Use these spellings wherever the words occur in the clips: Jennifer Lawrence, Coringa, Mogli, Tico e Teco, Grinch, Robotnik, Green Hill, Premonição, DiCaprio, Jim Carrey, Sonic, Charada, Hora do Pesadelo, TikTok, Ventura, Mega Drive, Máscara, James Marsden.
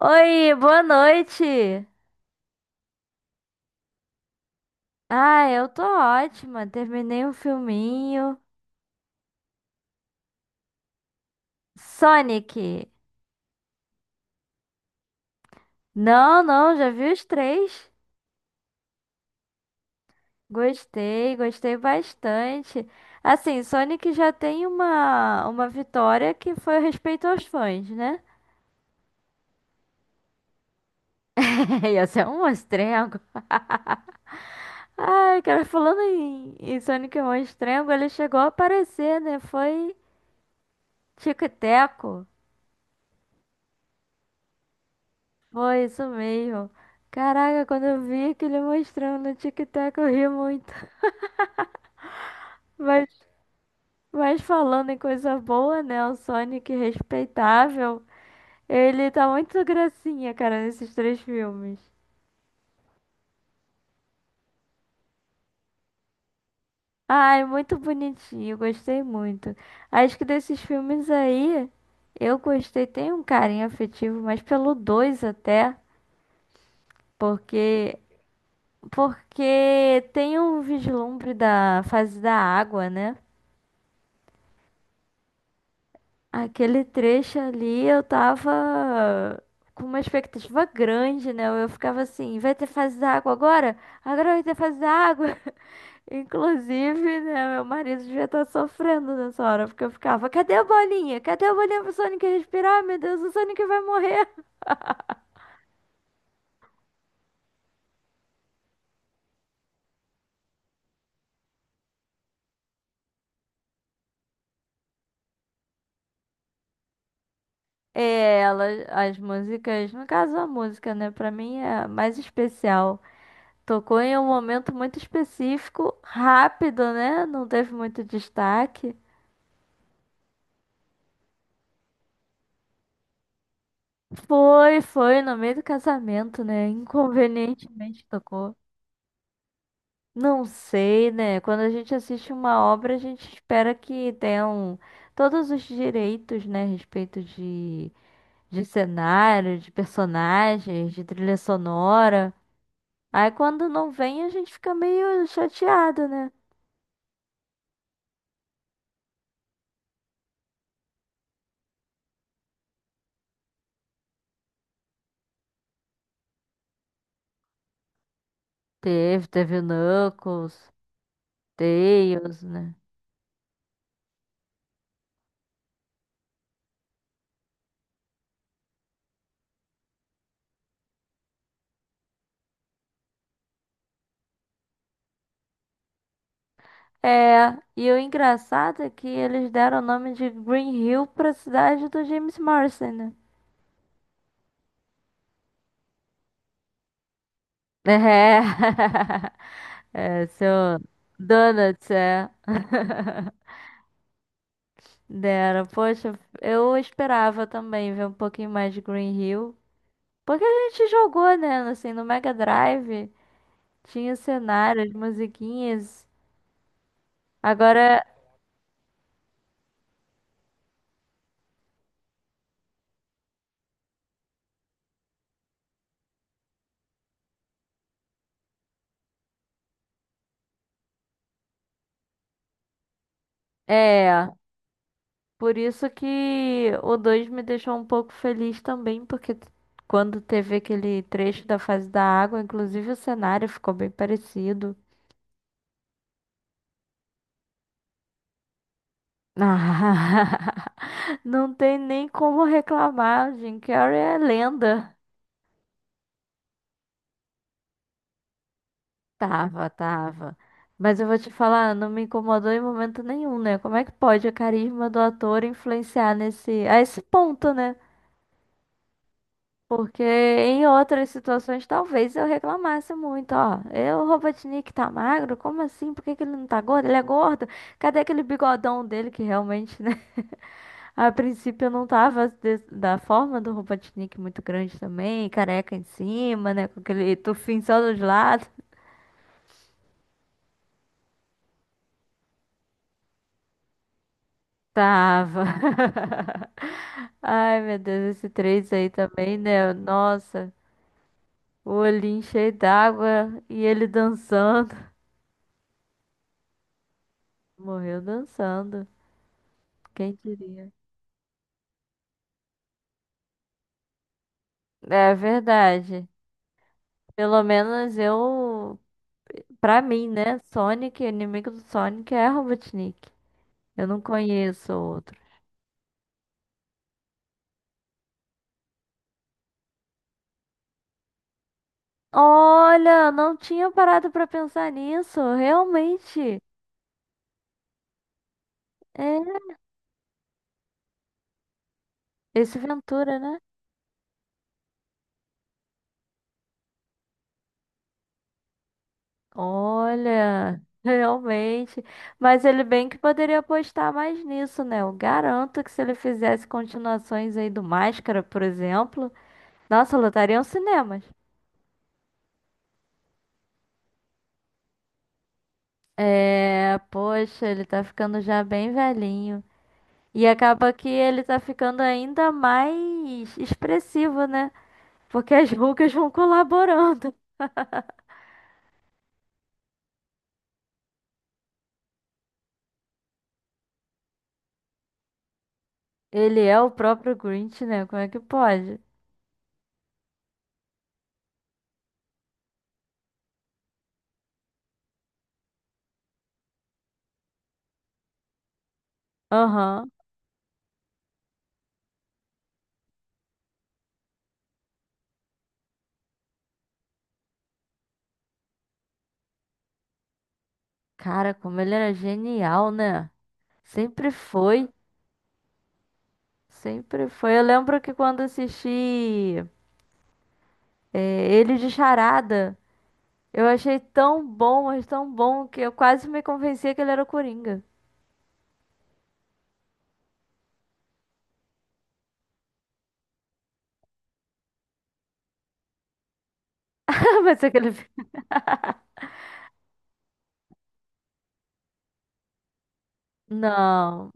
Oi, boa noite. Ah, eu tô ótima. Terminei um filminho. Sonic. Não, não, já vi os três. Gostei, gostei bastante. Assim, Sonic já tem uma vitória que foi o respeito aos fãs, né? Ia ser um monstrengo. Ai, cara, falando em Sonic Monstrengo, ele chegou a aparecer, né? Foi Tico e Teco. Foi isso mesmo. Caraca, quando eu vi aquele mostrando no TikTok, eu ri muito. Mas, mas falando em coisa boa, né? O Sonic respeitável, ele tá muito gracinha, cara, nesses três filmes. Ai, muito bonitinho, gostei muito. Acho que desses filmes aí, eu gostei, tem um carinho afetivo, mas pelo dois até, porque porque tem um vislumbre da fase da água, né? Aquele trecho ali eu tava com uma expectativa grande, né? Eu ficava assim, vai ter fase da água agora? Agora vai ter fase da água. Inclusive, né, meu marido devia estar sofrendo nessa hora, porque eu ficava, cadê a bolinha? Cadê a bolinha pro Sonic respirar? Meu Deus, o Sonic vai morrer. É, ela, as músicas, no caso a música, né, pra mim é a mais especial. Tocou em um momento muito específico, rápido, né? Não teve muito destaque. Foi, foi, no meio do casamento, né? Inconvenientemente tocou. Não sei, né? Quando a gente assiste uma obra, a gente espera que tenham todos os direitos, né? A respeito de cenário, de personagens, de trilha sonora. Aí quando não vem, a gente fica meio chateado, né? Teve, teve o Knuckles, Tails, né? É, e o engraçado é que eles deram o nome de Green Hill pra cidade do James Marsden, né? É, é seu donuts, é. Dera, poxa, eu esperava também ver um pouquinho mais de Green Hill. Porque a gente jogou, né? Assim, no Mega Drive tinha cenários, musiquinhas. Agora, é. Por isso que o 2 me deixou um pouco feliz também, porque quando teve aquele trecho da fase da água, inclusive o cenário ficou bem parecido. Não tem nem como reclamar, Jim Carrey é lenda. Tava, tava. Mas eu vou te falar, não me incomodou em momento nenhum, né? Como é que pode o carisma do ator influenciar nesse, a esse ponto, né? Porque em outras situações talvez eu reclamasse muito, ó. Eu, o Robotnik tá magro? Como assim? Por que que ele não tá gordo? Ele é gordo? Cadê aquele bigodão dele que realmente, né? A princípio eu não tava da forma do Robotnik muito grande também, careca em cima, né? Com aquele tufinho só dos lados. Tava. Ai, meu Deus, esse 3 aí também, né? Nossa, o olhinho cheio d'água e ele dançando. Morreu dançando, quem diria? É verdade. Pelo menos eu, pra mim, né? Sonic, inimigo do Sonic é Robotnik. Eu não conheço Olha, não tinha parado pra pensar nisso, realmente. É, esse Ventura, né? Olha, realmente. Mas ele bem que poderia apostar mais nisso, né? Eu garanto que se ele fizesse continuações aí do Máscara, por exemplo, nossa, lotariam cinemas. É, poxa, ele tá ficando já bem velhinho. E acaba que ele tá ficando ainda mais expressivo, né? Porque as rugas vão colaborando. Ele é o próprio Grinch, né? Como é que pode? Aham. Cara, como ele era genial, né? Sempre foi. Sempre foi. Eu lembro que quando assisti é, ele de Charada, eu achei tão bom, mas tão bom, que eu quase me convencia que ele era o Coringa. Mas aquele. Não.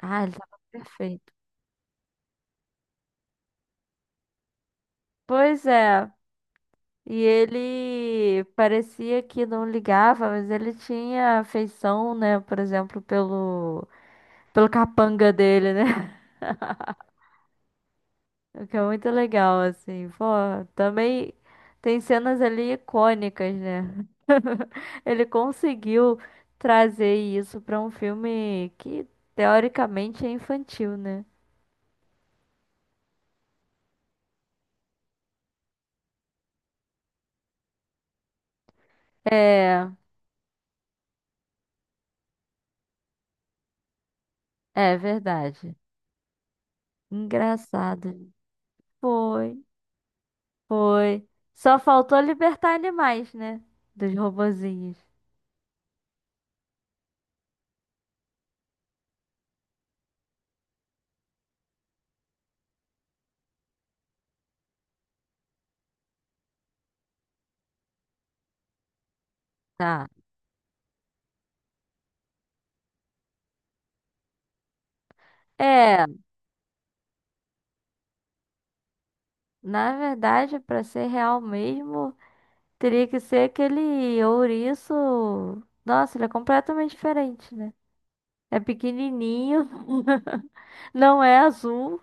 Ah, ele tava perfeito. Pois é. E ele parecia que não ligava, mas ele tinha afeição, né? Por exemplo, pelo capanga dele, né? O que é muito legal, assim. Pô, também tem cenas ali icônicas, né? Ele conseguiu trazer isso pra um filme que teoricamente é infantil, né? É, é verdade. Engraçado. Foi, foi. Só faltou libertar animais, né? Dos robozinhos. Tá. É, na verdade, pra ser real mesmo. Teria que ser aquele ouriço. Nossa, ele é completamente diferente, né? É pequenininho. Não é azul.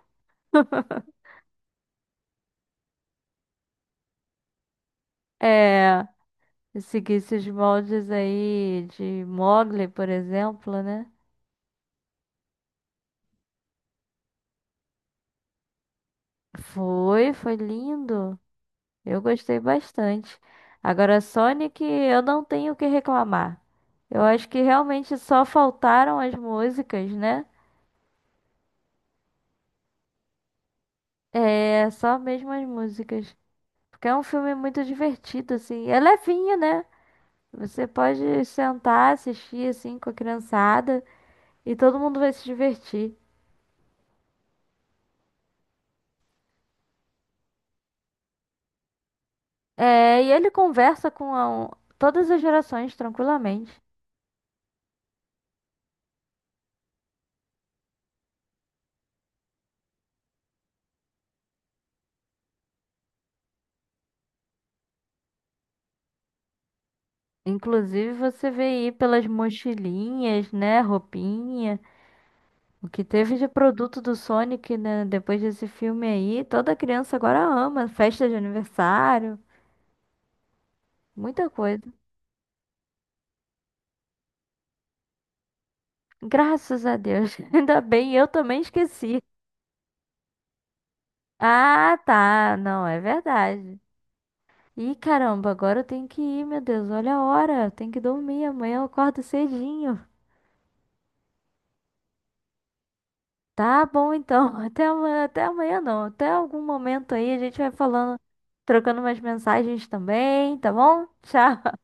É. Se seguisse os moldes aí de Mogli, por exemplo, né? Foi, foi lindo. Eu gostei bastante. Agora, Sonic, eu não tenho o que reclamar. Eu acho que realmente só faltaram as músicas, né? É, só mesmo as músicas. Porque é um filme muito divertido, assim. É levinho, né? Você pode sentar, assistir, assim, com a criançada e todo mundo vai se divertir. É, e ele conversa com a- um, todas as gerações tranquilamente. Inclusive, você vê aí pelas mochilinhas, né? Roupinha. O que teve de produto do Sonic, né? Depois desse filme aí, toda criança agora ama. Festa de aniversário, muita coisa. Graças a Deus. Ainda bem, eu também esqueci. Ah, tá. Não, é verdade. Ih, caramba, agora eu tenho que ir, meu Deus. Olha a hora. Eu tenho que dormir. Amanhã eu acordo cedinho. Tá bom, então. Até amanhã. Até amanhã, não. Até algum momento aí a gente vai falando, trocando umas mensagens também, tá bom? Tchau.